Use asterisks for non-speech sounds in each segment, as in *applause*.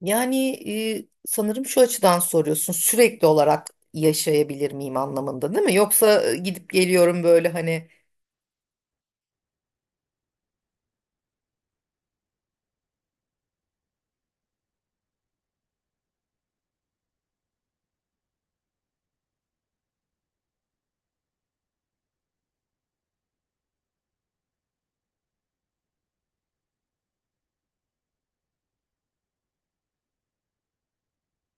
Yani sanırım şu açıdan soruyorsun sürekli olarak yaşayabilir miyim anlamında değil mi? Yoksa gidip geliyorum böyle hani.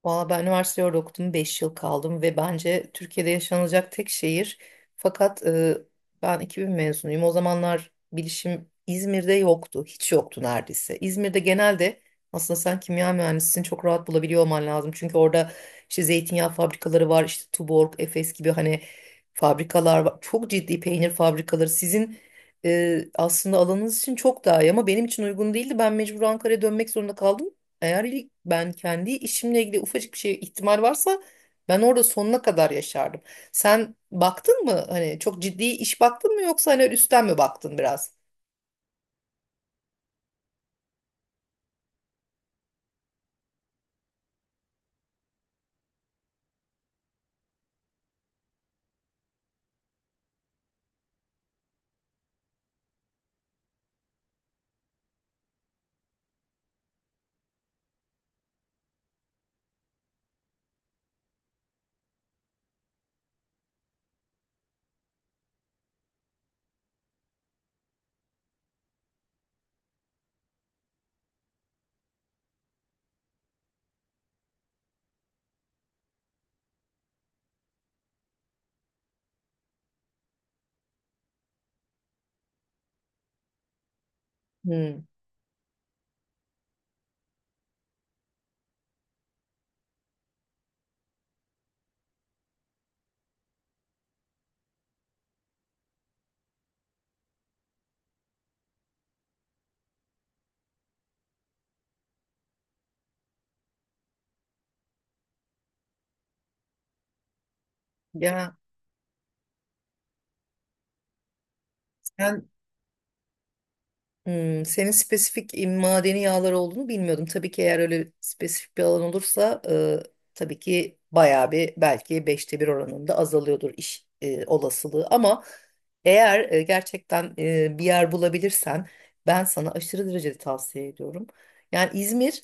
Valla ben üniversite orada okudum. 5 yıl kaldım ve bence Türkiye'de yaşanılacak tek şehir. Fakat ben 2000 mezunuyum. O zamanlar bilişim İzmir'de yoktu. Hiç yoktu neredeyse. İzmir'de genelde aslında sen kimya mühendisini çok rahat bulabiliyor olman lazım. Çünkü orada işte zeytinyağı fabrikaları var. İşte Tuborg, Efes gibi hani fabrikalar var. Çok ciddi peynir fabrikaları. Sizin aslında alanınız için çok daha iyi ama benim için uygun değildi. Ben mecbur Ankara'ya dönmek zorunda kaldım. Eğer ilk ben kendi işimle ilgili ufacık bir şey ihtimal varsa ben orada sonuna kadar yaşardım. Sen baktın mı? Hani çok ciddi iş baktın mı yoksa hani üstten mi baktın biraz? Hmm. Ya sen Hmm, senin spesifik madeni yağlar olduğunu bilmiyordum. Tabii ki eğer öyle spesifik bir alan olursa tabii ki bayağı bir belki 1/5 oranında azalıyordur iş olasılığı. Ama eğer gerçekten bir yer bulabilirsen ben sana aşırı derecede tavsiye ediyorum. Yani İzmir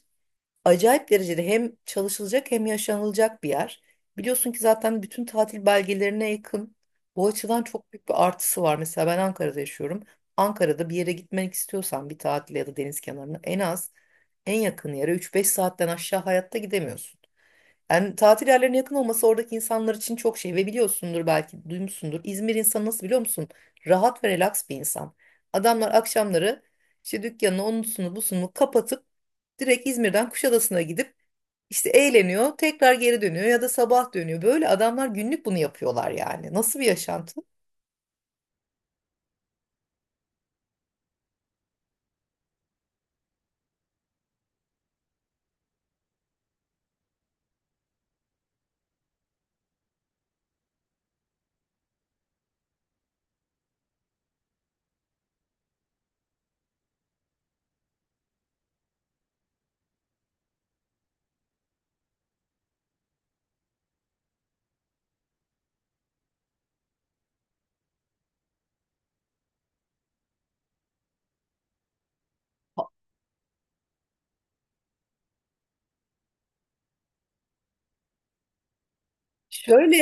acayip derecede hem çalışılacak hem yaşanılacak bir yer. Biliyorsun ki zaten bütün tatil belgelerine yakın. Bu açıdan çok büyük bir artısı var. Mesela ben Ankara'da yaşıyorum. Ankara'da bir yere gitmek istiyorsan bir tatile ya da deniz kenarına en az en yakın yere 3-5 saatten aşağı hayatta gidemiyorsun. Yani tatil yerlerine yakın olması oradaki insanlar için çok şey ve biliyorsundur belki duymuşsundur. İzmir insanı nasıl biliyor musun? Rahat ve relax bir insan. Adamlar akşamları işte dükkanını onusunu busunu kapatıp direkt İzmir'den Kuşadası'na gidip işte eğleniyor, tekrar geri dönüyor ya da sabah dönüyor. Böyle adamlar günlük bunu yapıyorlar yani. Nasıl bir yaşantı? Şöyle,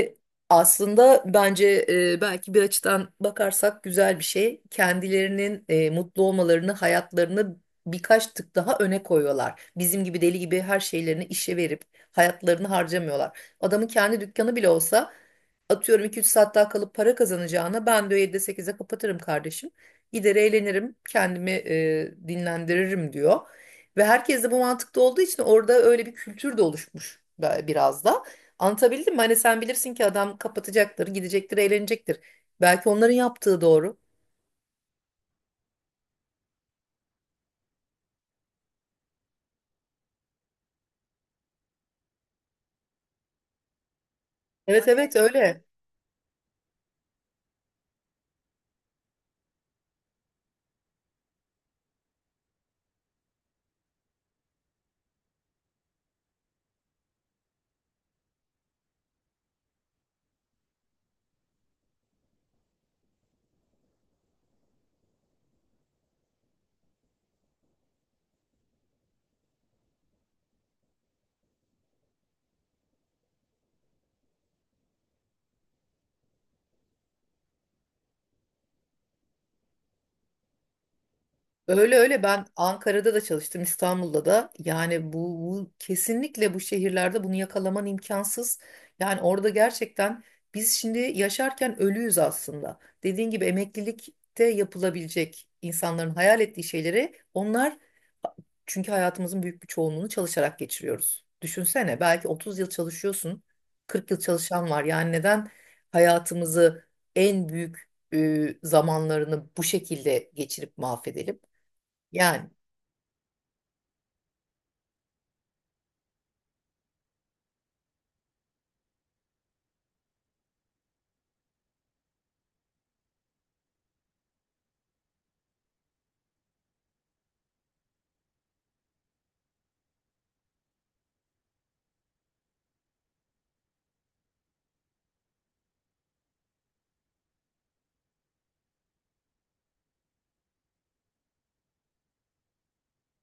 e, aslında bence belki bir açıdan bakarsak güzel bir şey. Kendilerinin mutlu olmalarını, hayatlarını birkaç tık daha öne koyuyorlar. Bizim gibi deli gibi her şeylerini işe verip hayatlarını harcamıyorlar. Adamın kendi dükkanı bile olsa atıyorum iki üç saat daha kalıp para kazanacağına ben diyor 7'de 8'e kapatırım kardeşim. Gider eğlenirim, kendimi dinlendiririm diyor. Ve herkes de bu mantıkta olduğu için orada öyle bir kültür de oluşmuş biraz da. Anlatabildim mi? Hani sen bilirsin ki adam kapatacaktır, gidecektir, eğlenecektir. Belki onların yaptığı doğru. Evet, evet öyle. Öyle öyle, ben Ankara'da da çalıştım İstanbul'da da yani bu kesinlikle bu şehirlerde bunu yakalaman imkansız. Yani orada gerçekten biz şimdi yaşarken ölüyüz aslında. Dediğin gibi emeklilikte yapılabilecek insanların hayal ettiği şeyleri onlar çünkü hayatımızın büyük bir çoğunluğunu çalışarak geçiriyoruz. Düşünsene belki 30 yıl çalışıyorsun, 40 yıl çalışan var. Yani neden hayatımızı en büyük zamanlarını bu şekilde geçirip mahvedelim? Yani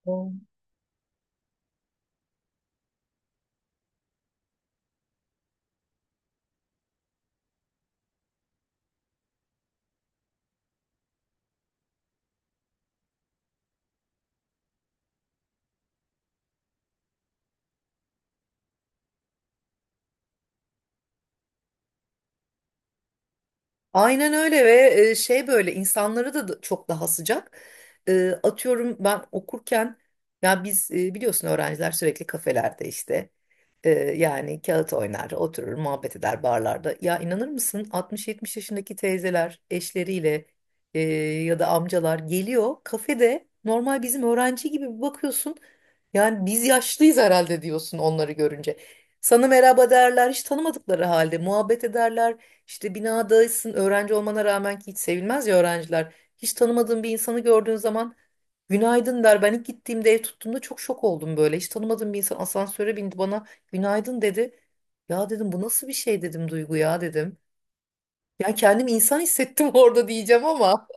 o- aynen öyle ve şey, böyle insanları da çok daha sıcak. Atıyorum ben okurken ya biz biliyorsun öğrenciler sürekli kafelerde işte yani kağıt oynar, oturur, muhabbet eder barlarda. Ya inanır mısın 60-70 yaşındaki teyzeler eşleriyle e, ya da amcalar geliyor kafede normal bizim öğrenci gibi bir bakıyorsun. Yani biz yaşlıyız herhalde diyorsun onları görünce. Sana merhaba derler, hiç tanımadıkları halde muhabbet ederler. İşte binadaysın öğrenci olmana rağmen ki hiç sevilmez ya öğrenciler. Hiç tanımadığın bir insanı gördüğün zaman günaydın der. Ben ilk gittiğimde ev tuttuğumda çok şok oldum böyle. Hiç tanımadığım bir insan asansöre bindi bana günaydın dedi. Ya dedim bu nasıl bir şey dedim Duygu ya dedim. Yani kendimi insan hissettim *laughs* orada diyeceğim ama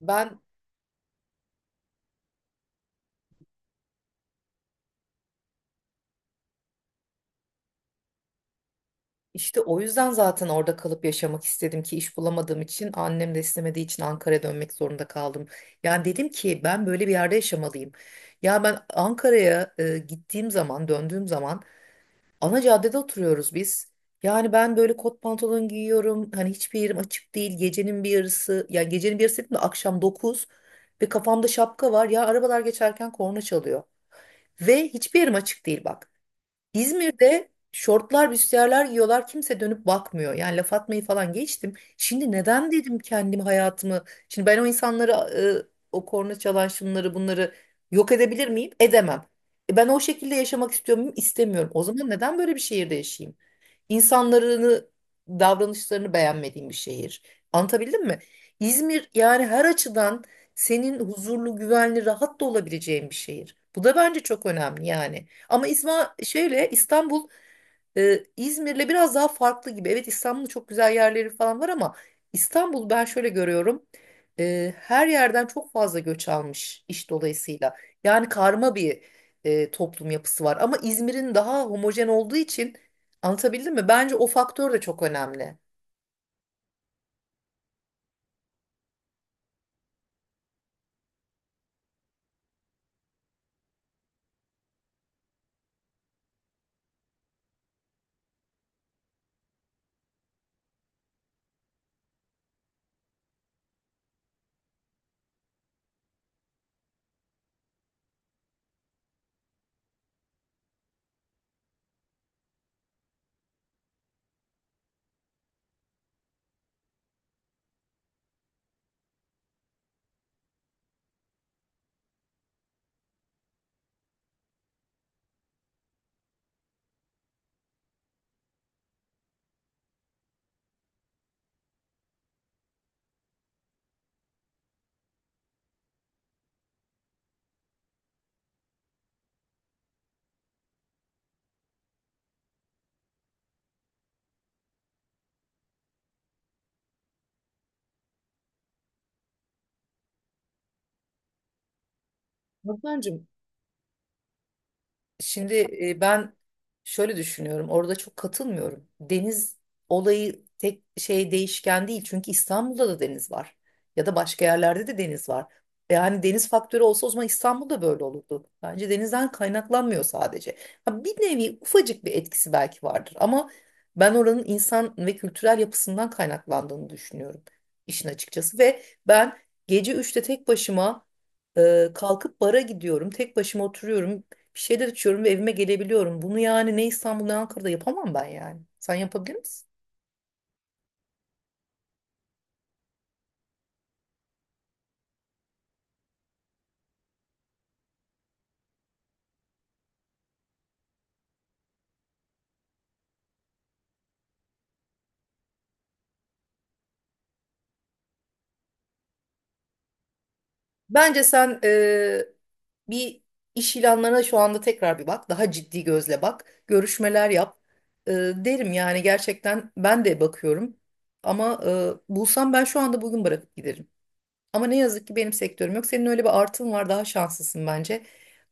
ben İşte o yüzden zaten orada kalıp yaşamak istedim ki iş bulamadığım için annem de istemediği için Ankara'ya dönmek zorunda kaldım. Yani dedim ki ben böyle bir yerde yaşamalıyım. Ya ben Ankara'ya gittiğim zaman döndüğüm zaman ana caddede oturuyoruz biz. Yani ben böyle kot pantolon giyiyorum. Hani hiçbir yerim açık değil. Gecenin bir yarısı, yani gecenin bir yarısı dedim de akşam 9 ve kafamda şapka var. Ya arabalar geçerken korna çalıyor. Ve hiçbir yerim açık değil bak. İzmir'de şortlar, büstiyerler giyiyorlar. Kimse dönüp bakmıyor. Yani laf atmayı falan geçtim. Şimdi neden dedim kendimi hayatımı? Şimdi ben o insanları, o korna çalan şunları bunları yok edebilir miyim? Edemem. Ben o şekilde yaşamak istiyor muyum? İstemiyorum. O zaman neden böyle bir şehirde yaşayayım? İnsanlarını, davranışlarını beğenmediğim bir şehir. Anlatabildim mi? İzmir yani her açıdan senin huzurlu, güvenli, rahat da olabileceğin bir şehir. Bu da bence çok önemli yani. Ama şöyle İstanbul İzmir'le biraz daha farklı gibi. Evet, İstanbul'da çok güzel yerleri falan var ama İstanbul ben şöyle görüyorum. Her yerden çok fazla göç almış iş dolayısıyla. Yani karma bir toplum yapısı var. Ama İzmir'in daha homojen olduğu için anlatabildim mi? Bence o faktör de çok önemli. Nurcancığım, şimdi ben şöyle düşünüyorum. Orada çok katılmıyorum. Deniz olayı tek şey değişken değil. Çünkü İstanbul'da da deniz var. Ya da başka yerlerde de deniz var. Yani deniz faktörü olsa o zaman İstanbul'da böyle olurdu. Bence denizden kaynaklanmıyor sadece. Ha, bir nevi ufacık bir etkisi belki vardır ama ben oranın insan ve kültürel yapısından kaynaklandığını düşünüyorum işin açıkçası ve ben gece 3'te tek başıma kalkıp bara gidiyorum. Tek başıma oturuyorum. Bir şeyler içiyorum ve evime gelebiliyorum. Bunu yani ne İstanbul ne Ankara'da yapamam ben yani. Sen yapabilir misin? Bence sen bir iş ilanlarına şu anda tekrar bir bak. Daha ciddi gözle bak. Görüşmeler yap. Derim yani, gerçekten ben de bakıyorum. Ama bulsam ben şu anda bugün bırakıp giderim. Ama ne yazık ki benim sektörüm yok. Senin öyle bir artın var, daha şanslısın bence.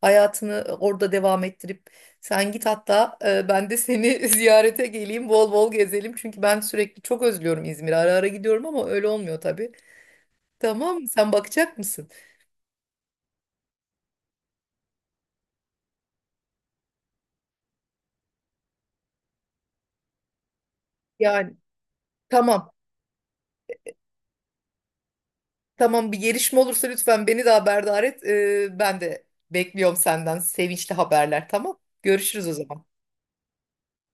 Hayatını orada devam ettirip sen git, hatta ben de seni *laughs* ziyarete geleyim, bol bol gezelim. Çünkü ben sürekli çok özlüyorum İzmir'i. Ara ara gidiyorum ama öyle olmuyor tabii. Tamam, sen bakacak mısın? Yani tamam. Tamam, bir gelişme olursa lütfen beni de haberdar et. Ben de bekliyorum senden sevinçli haberler, tamam. Görüşürüz o zaman.